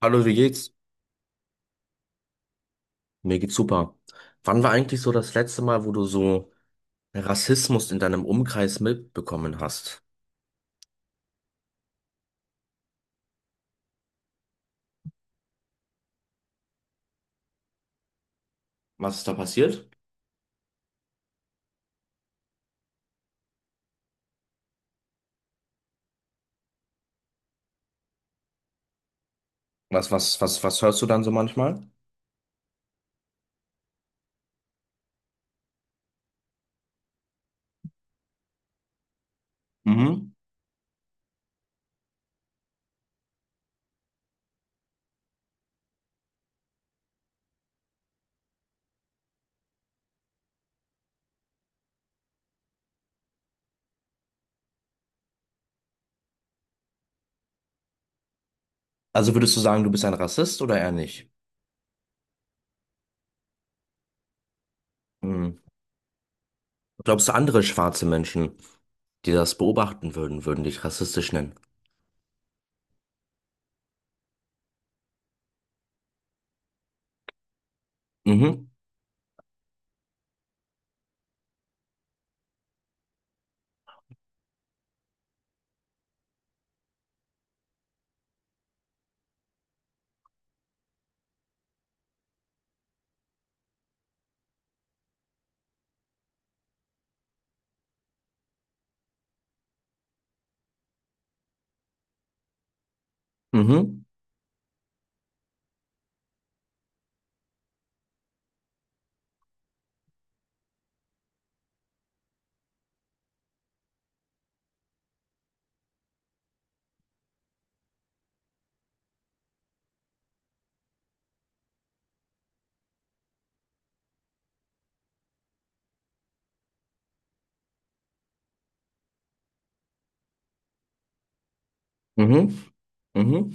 Hallo, wie geht's? Mir geht's super. Wann war eigentlich so das letzte Mal, wo du so Rassismus in deinem Umkreis mitbekommen hast? Was ist da passiert? Was hörst du dann so manchmal? Mhm. Also würdest du sagen, du bist ein Rassist oder eher nicht? Hm. Glaubst du, andere schwarze Menschen, die das beobachten würden, würden dich rassistisch nennen? Mhm, mhm, mhm, mhm,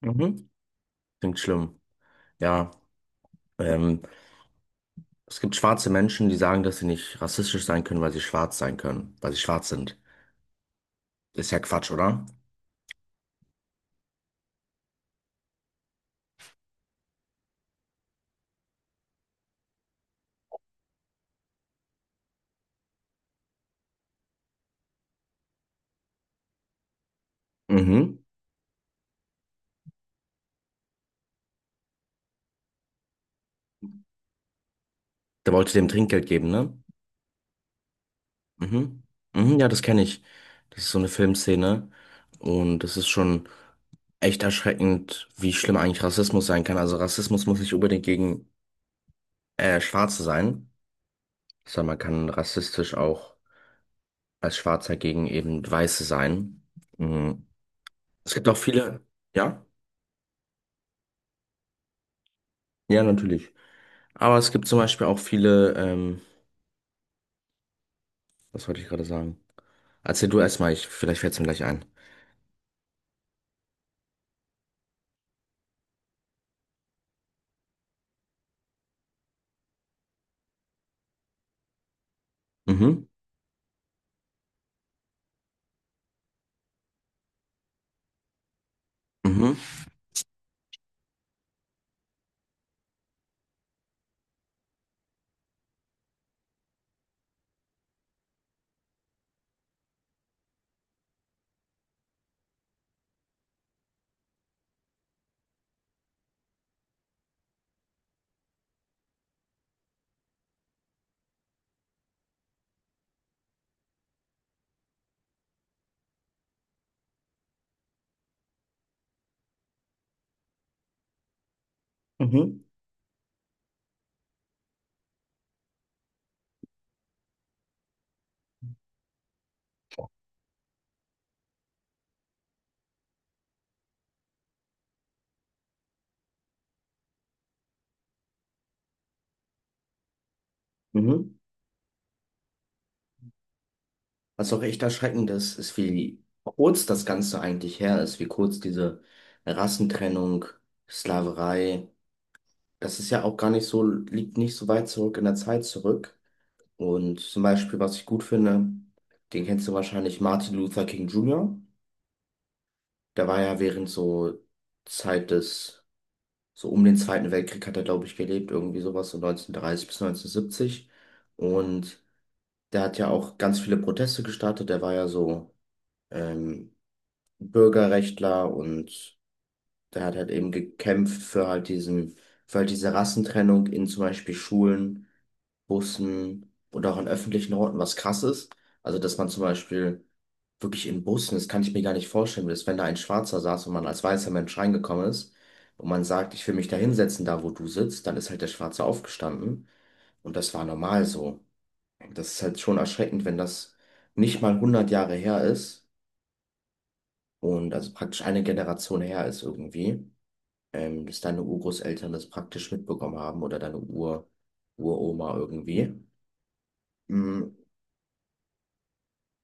mhm. Klingt schlimm. Ja, ähm, es gibt schwarze Menschen, die sagen, dass sie nicht rassistisch sein können, weil sie schwarz sein können, weil sie schwarz sind. Ist ja Quatsch, oder? Mhm. Der wollte dem Trinkgeld geben, ne? Mhm. Mhm, ja, das kenne ich. Das ist so eine Filmszene. Und das ist schon echt erschreckend, wie schlimm eigentlich Rassismus sein kann. Also Rassismus muss nicht unbedingt gegen Schwarze sein, sondern man kann rassistisch auch als Schwarzer gegen eben Weiße sein. Mhm. Es gibt auch viele, ja? Ja, natürlich. Aber es gibt zum Beispiel auch viele, was wollte ich gerade sagen? Erzähl du erstmal, ich, vielleicht fällt es mir gleich ein. Mhm. Mhm. Mhm. Mhm. Was auch echt erschreckend ist, ist, wie kurz das Ganze eigentlich her ist, wie kurz diese Rassentrennung, Sklaverei, das ist ja auch gar nicht so, liegt nicht so weit zurück in der Zeit zurück. Und zum Beispiel, was ich gut finde, den kennst du wahrscheinlich, Martin Luther King Jr. Der war ja während so Zeit des, so um den Zweiten Weltkrieg hat er, glaube ich, gelebt, irgendwie sowas, so 1930 bis 1970. Und der hat ja auch ganz viele Proteste gestartet, der war ja so ähm, Bürgerrechtler, und der hat halt eben gekämpft für halt diesen, für halt diese Rassentrennung in zum Beispiel Schulen, Bussen oder auch an öffentlichen Orten, was krass ist. Also, dass man zum Beispiel wirklich in Bussen, das kann ich mir gar nicht vorstellen, dass wenn da ein Schwarzer saß und man als weißer Mensch reingekommen ist und man sagt, ich will mich da hinsetzen, da wo du sitzt, dann ist halt der Schwarze aufgestanden und das war normal so. Das ist halt schon erschreckend, wenn das nicht mal hundert Jahre her ist und also praktisch eine Generation her ist irgendwie, dass deine Urgroßeltern das praktisch mitbekommen haben oder deine Ur Uroma irgendwie. Mm.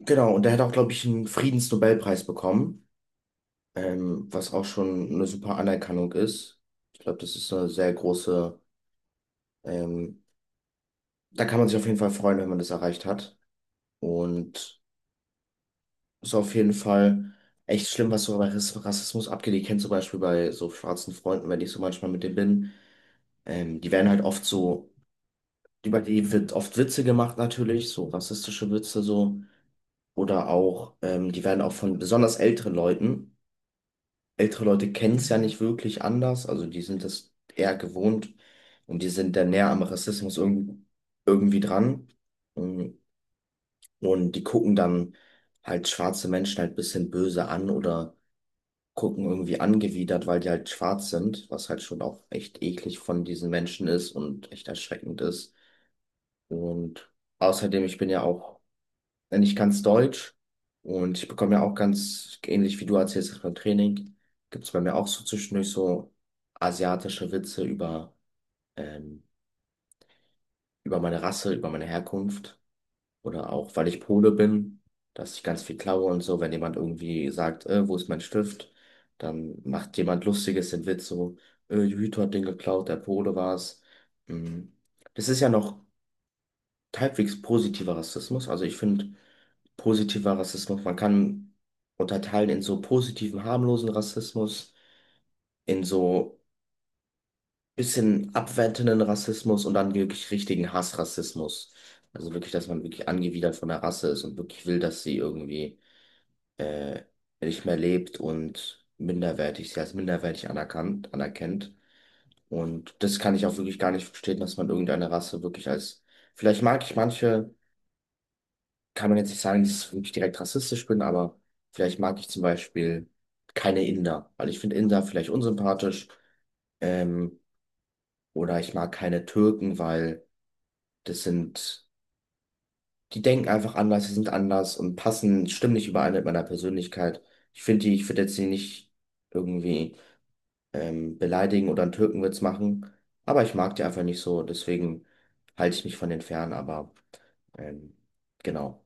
Genau, und der hat auch, glaube ich, einen Friedensnobelpreis bekommen, was auch schon eine super Anerkennung ist. Ich glaube, das ist eine sehr große, ähm, da kann man sich auf jeden Fall freuen, wenn man das erreicht hat. Und ist auf jeden Fall echt schlimm, was so bei Rassismus abgeht. Ich kenne zum Beispiel bei so schwarzen Freunden, wenn ich so manchmal mit denen bin, die werden halt oft so über die wird oft Witze gemacht natürlich, so rassistische Witze so. Oder auch, die werden auch von besonders älteren Leuten, ältere Leute kennen es ja nicht wirklich anders, also die sind das eher gewohnt und die sind dann näher am Rassismus irgendwie, irgendwie dran. Und, und die gucken dann halt schwarze Menschen halt ein bisschen böse an oder gucken irgendwie angewidert, weil die halt schwarz sind, was halt schon auch echt eklig von diesen Menschen ist und echt erschreckend ist. Und außerdem, ich bin ja auch denn ich kann's Deutsch, und ich bekomme ja auch ganz ähnlich wie du erzählst das beim Training, gibt es bei mir auch so zwischendurch so asiatische Witze über, ähm, über meine Rasse, über meine Herkunft oder auch, weil ich Pole bin, dass ich ganz viel klaue und so. Wenn jemand irgendwie sagt, wo ist mein Stift, dann macht jemand Lustiges den Witz so, Jujito hat den geklaut, der Pole war's. Mm. Das ist ja noch halbwegs positiver Rassismus. Also ich finde positiver Rassismus, man kann unterteilen in so positiven, harmlosen Rassismus, in so bisschen abwertenden Rassismus und dann wirklich richtigen Hassrassismus. Also wirklich, dass man wirklich angewidert von der Rasse ist und wirklich will, dass sie irgendwie äh, nicht mehr lebt und minderwertig, sie als minderwertig anerkannt, anerkennt. Und das kann ich auch wirklich gar nicht verstehen, dass man irgendeine Rasse wirklich als, vielleicht mag ich manche, kann man jetzt nicht sagen, dass ich wirklich direkt rassistisch bin, aber vielleicht mag ich zum Beispiel keine Inder, weil ich finde Inder vielleicht unsympathisch. Ähm, oder ich mag keine Türken, weil das sind, die denken einfach anders, die sind anders und passen, stimmen nicht überein mit meiner Persönlichkeit. Ich finde die, ich würde jetzt die nicht irgendwie beleidigen oder einen Türkenwitz machen, aber ich mag die einfach nicht so, deswegen halte ich mich von denen fern, aber ähm, genau.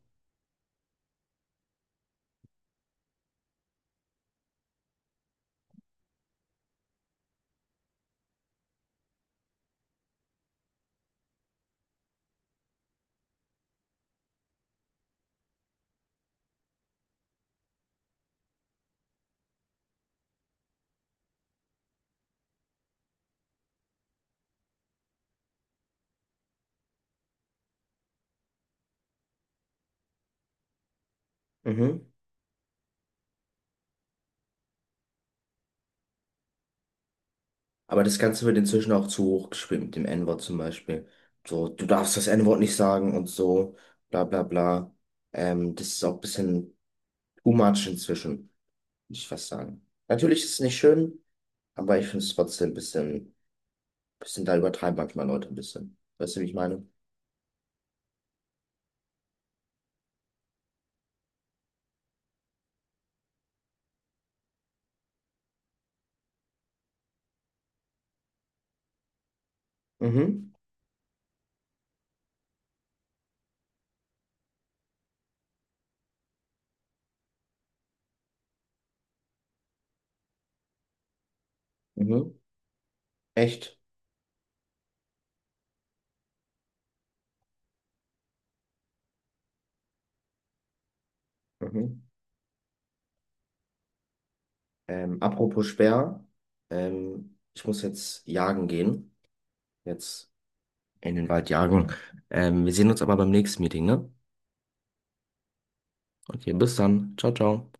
Mhm. Aber das Ganze wird inzwischen auch zu hoch gespielt mit dem N-Wort zum Beispiel. So, du darfst das N-Wort nicht sagen und so, bla bla bla. Das ist auch ein bisschen too much inzwischen, muss ich fast sagen. Natürlich ist es nicht schön, aber ich finde es trotzdem ein bisschen, bisschen, da übertreiben manchmal Leute ein bisschen. Weißt du, wie ich meine? Mhm, mhm, echt. Mhm. Apropos Speer, ich muss jetzt jagen gehen. Jetzt in den Wald jagen. Wir sehen uns aber beim nächsten Meeting, ne? Okay, bis dann. Ciao, ciao.